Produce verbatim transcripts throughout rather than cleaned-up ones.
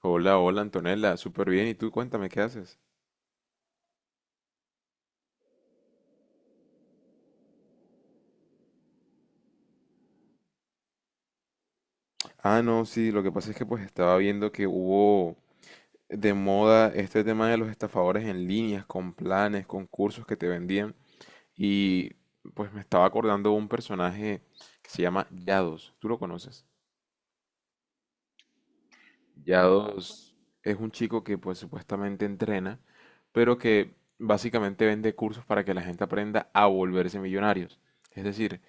Hola, hola Antonella, súper bien. ¿Y tú cuéntame qué haces? Ah, no, sí, lo que pasa es que pues estaba viendo que hubo de moda este tema de los estafadores en líneas, con planes, con cursos que te vendían. Y pues me estaba acordando de un personaje que se llama Yados. ¿Tú lo conoces? Yados es un chico que pues supuestamente entrena, pero que básicamente vende cursos para que la gente aprenda a volverse millonarios. Es decir,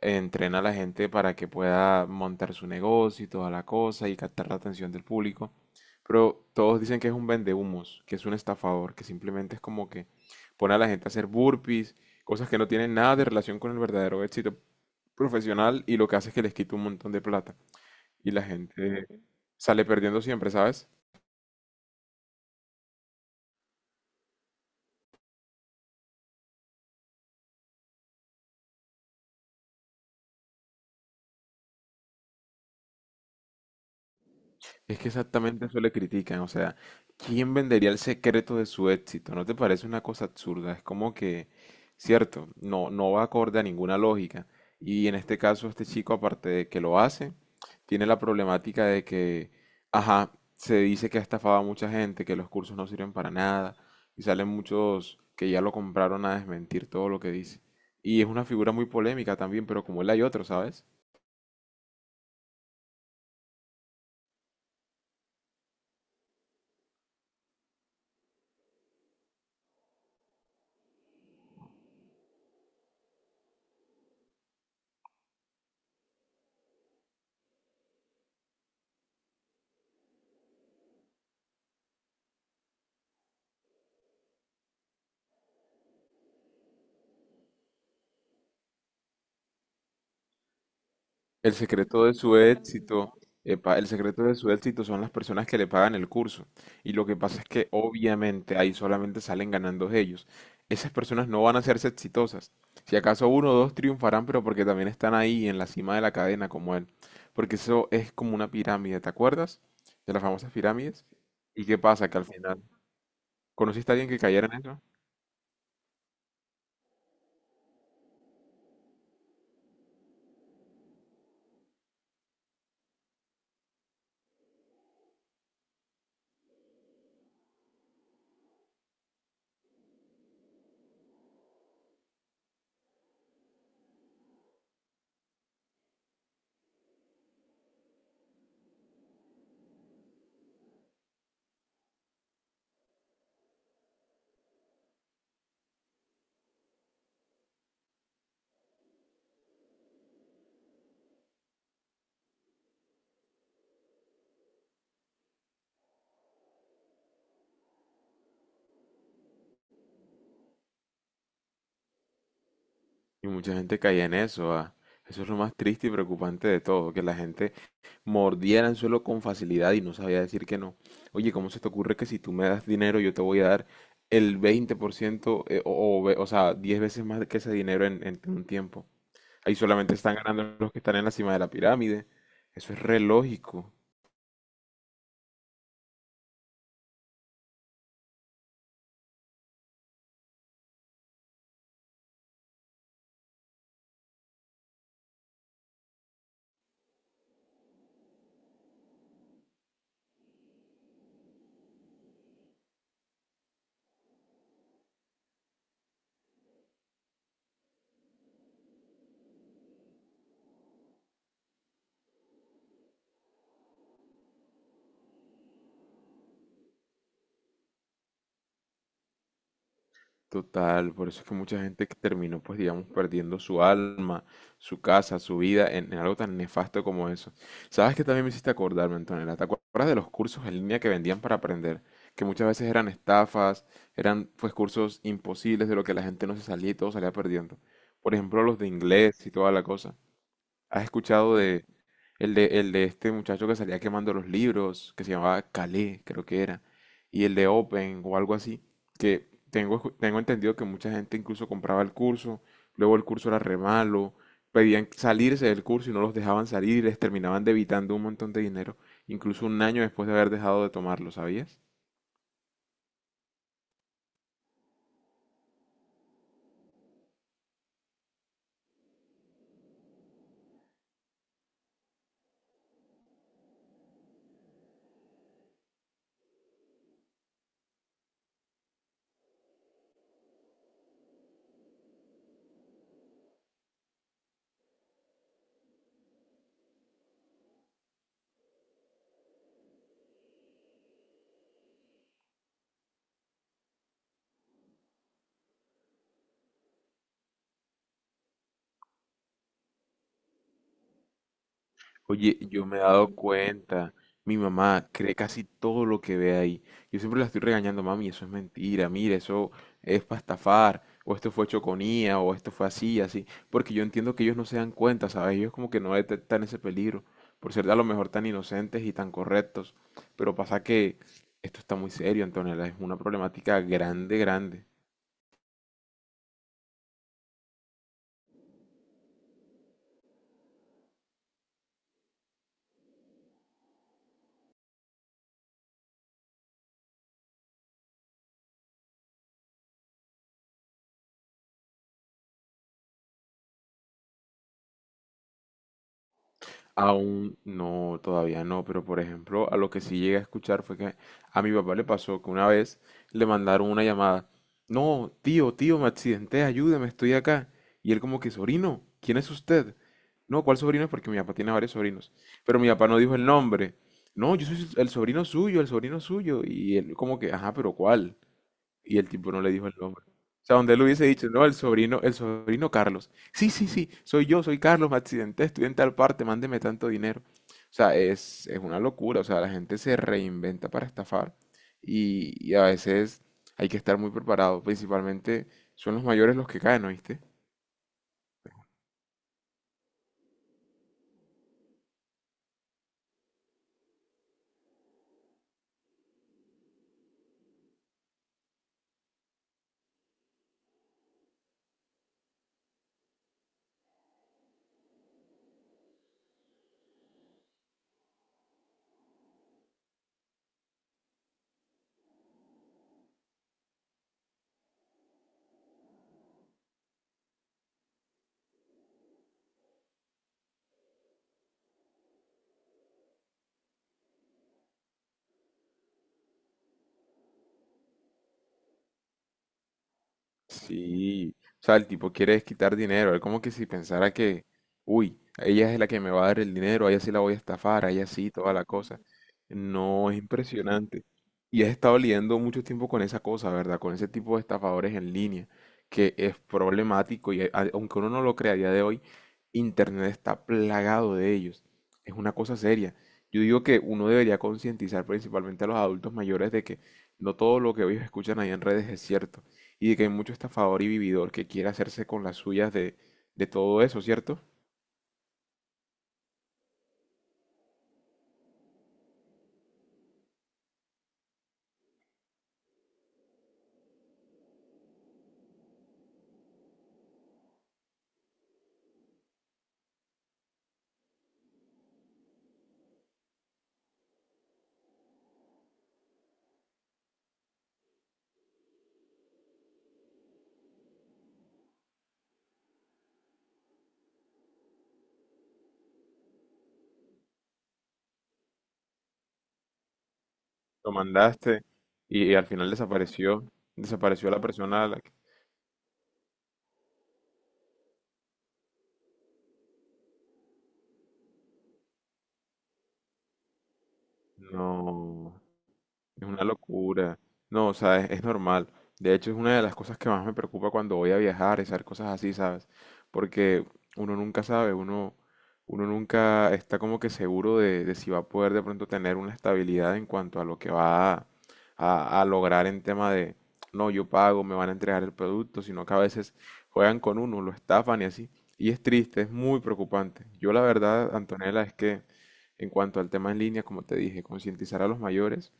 entrena a la gente para que pueda montar su negocio y toda la cosa y captar la atención del público. Pero todos dicen que es un vendehumos, que es un estafador, que simplemente es como que pone a la gente a hacer burpees, cosas que no tienen nada de relación con el verdadero éxito profesional y lo que hace es que les quita un montón de plata y la gente sale perdiendo siempre, ¿sabes? Es que exactamente eso le critican, o sea, ¿quién vendería el secreto de su éxito? ¿No te parece una cosa absurda? Es como que, cierto, no, no va acorde a ninguna lógica. Y en este caso, este chico, aparte de que lo hace, tiene la problemática de que, ajá, se dice que ha estafado a mucha gente, que los cursos no sirven para nada, y salen muchos que ya lo compraron a desmentir todo lo que dice. Y es una figura muy polémica también, pero como él hay otro, ¿sabes? El secreto de su éxito, epa, el secreto de su éxito son las personas que le pagan el curso. Y lo que pasa es que obviamente ahí solamente salen ganando ellos. Esas personas no van a hacerse exitosas. Si acaso uno o dos triunfarán, pero porque también están ahí en la cima de la cadena como él. Porque eso es como una pirámide, ¿te acuerdas? De las famosas pirámides. ¿Y qué pasa? Que al final, ¿conociste a alguien que cayera en eso? Y mucha gente caía en eso. ah. Eso es lo más triste y preocupante de todo, que la gente mordía el anzuelo con facilidad y no sabía decir que no. Oye, ¿cómo se te ocurre que si tú me das dinero yo te voy a dar el veinte por ciento eh, o, o ve- o sea, diez veces más que ese dinero en, en un tiempo? Ahí solamente están ganando los que están en la cima de la pirámide. Eso es re lógico. Total, por eso es que mucha gente que terminó, pues digamos, perdiendo su alma, su casa, su vida en, en algo tan nefasto como eso. ¿Sabes que también me hiciste acordarme, Antonella? ¿Te acuerdas de los cursos en línea que vendían para aprender? Que muchas veces eran estafas, eran pues cursos imposibles de lo que la gente no se salía y todo salía perdiendo. Por ejemplo, los de inglés y toda la cosa. ¿Has escuchado de el de el de este muchacho que salía quemando los libros, que se llamaba Calais, creo que era, y el de Open o algo así, que tengo escu- tengo entendido que mucha gente incluso compraba el curso, luego el curso era re malo, pedían salirse del curso y no los dejaban salir y les terminaban debitando un montón de dinero, incluso un año después de haber dejado de tomarlo, ¿sabías? Oye, yo me he dado cuenta, mi mamá cree casi todo lo que ve ahí. Yo siempre la estoy regañando, mami, eso es mentira, mira, eso es para estafar, o esto fue choconía, o esto fue así, así, porque yo entiendo que ellos no se dan cuenta, ¿sabes? Ellos como que no detectan ese peligro, por ser a lo mejor tan inocentes y tan correctos, pero pasa que esto está muy serio, Antonella, es una problemática grande, grande. Aún no, todavía no, pero por ejemplo, a lo que sí llegué a escuchar fue que a mi papá le pasó que una vez le mandaron una llamada. No, tío, tío, me accidenté, ayúdeme, estoy acá. Y él como que, sobrino, ¿quién es usted? No, ¿cuál sobrino? Porque mi papá tiene varios sobrinos. Pero mi papá no dijo el nombre. No, yo soy el sobrino suyo, el sobrino suyo. Y él como que, ajá, pero ¿cuál? Y el tipo no le dijo el nombre. O sea, donde él hubiese dicho, no, el sobrino, el sobrino Carlos. Sí, sí, sí, soy yo, soy Carlos, me accidenté, estudié en tal parte, mándeme tanto dinero. O sea, es, es una locura. O sea, la gente se reinventa para estafar y, y a veces hay que estar muy preparado. Principalmente son los mayores los que caen, ¿oíste? Sí, o sea, el tipo quiere quitar dinero, es como que si pensara que, uy, ella es la que me va a dar el dinero, a ella sí la voy a estafar, a ella sí, toda la cosa. No, es impresionante. Y has estado lidiando mucho tiempo con esa cosa, ¿verdad? Con ese tipo de estafadores en línea, que es problemático y eh, a- aunque uno no lo crea a día de hoy, Internet está plagado de ellos. Es una cosa seria. Yo digo que uno debería concientizar principalmente a los adultos mayores de que no todo lo que ellos escuchan ahí en redes es cierto y de que hay mucho estafador y vividor que quiere hacerse con las suyas de, de todo eso, ¿cierto? Lo mandaste y, al final desapareció, desapareció la persona a la que... No. Es una locura. No, o sea, es, es normal. De hecho, es una de las cosas que más me preocupa cuando voy a viajar, es hacer cosas así, ¿sabes? Porque uno nunca sabe, uno, uno nunca está como que seguro de, de si va a poder de pronto tener una estabilidad en cuanto a lo que va a, a- a lograr en tema de, no, yo pago, me van a entregar el producto, sino que a veces juegan con uno, lo estafan y así. Y es triste, es muy preocupante. Yo la verdad, Antonella, es que en cuanto al tema en línea, como te dije, concientizar a los mayores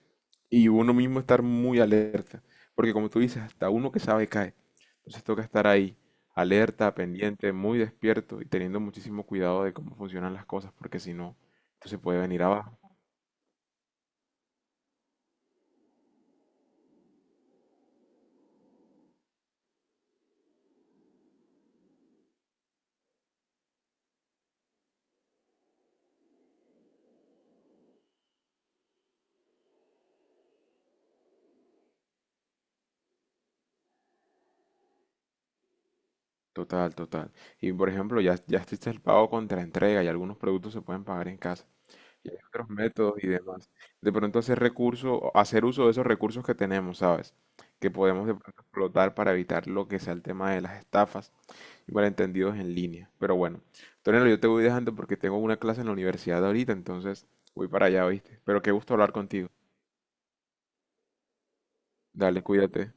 y uno mismo estar muy alerta, porque como tú dices, hasta uno que sabe cae. Entonces toca estar ahí, alerta, pendiente, muy despierto y teniendo muchísimo cuidado de cómo funcionan las cosas, porque si no, esto se puede venir abajo. Total, total. Y por ejemplo, ya, ya existe el pago contra entrega y algunos productos se pueden pagar en casa. Y hay otros métodos y demás. De pronto hacer recurso, hacer uso de esos recursos que tenemos, ¿sabes? Que podemos de pronto explotar para evitar lo que sea el tema de las estafas malentendidos en línea. Pero bueno, Tonelo, yo te voy dejando porque tengo una clase en la universidad ahorita, entonces voy para allá, ¿oíste? Pero qué gusto hablar contigo. Dale, cuídate.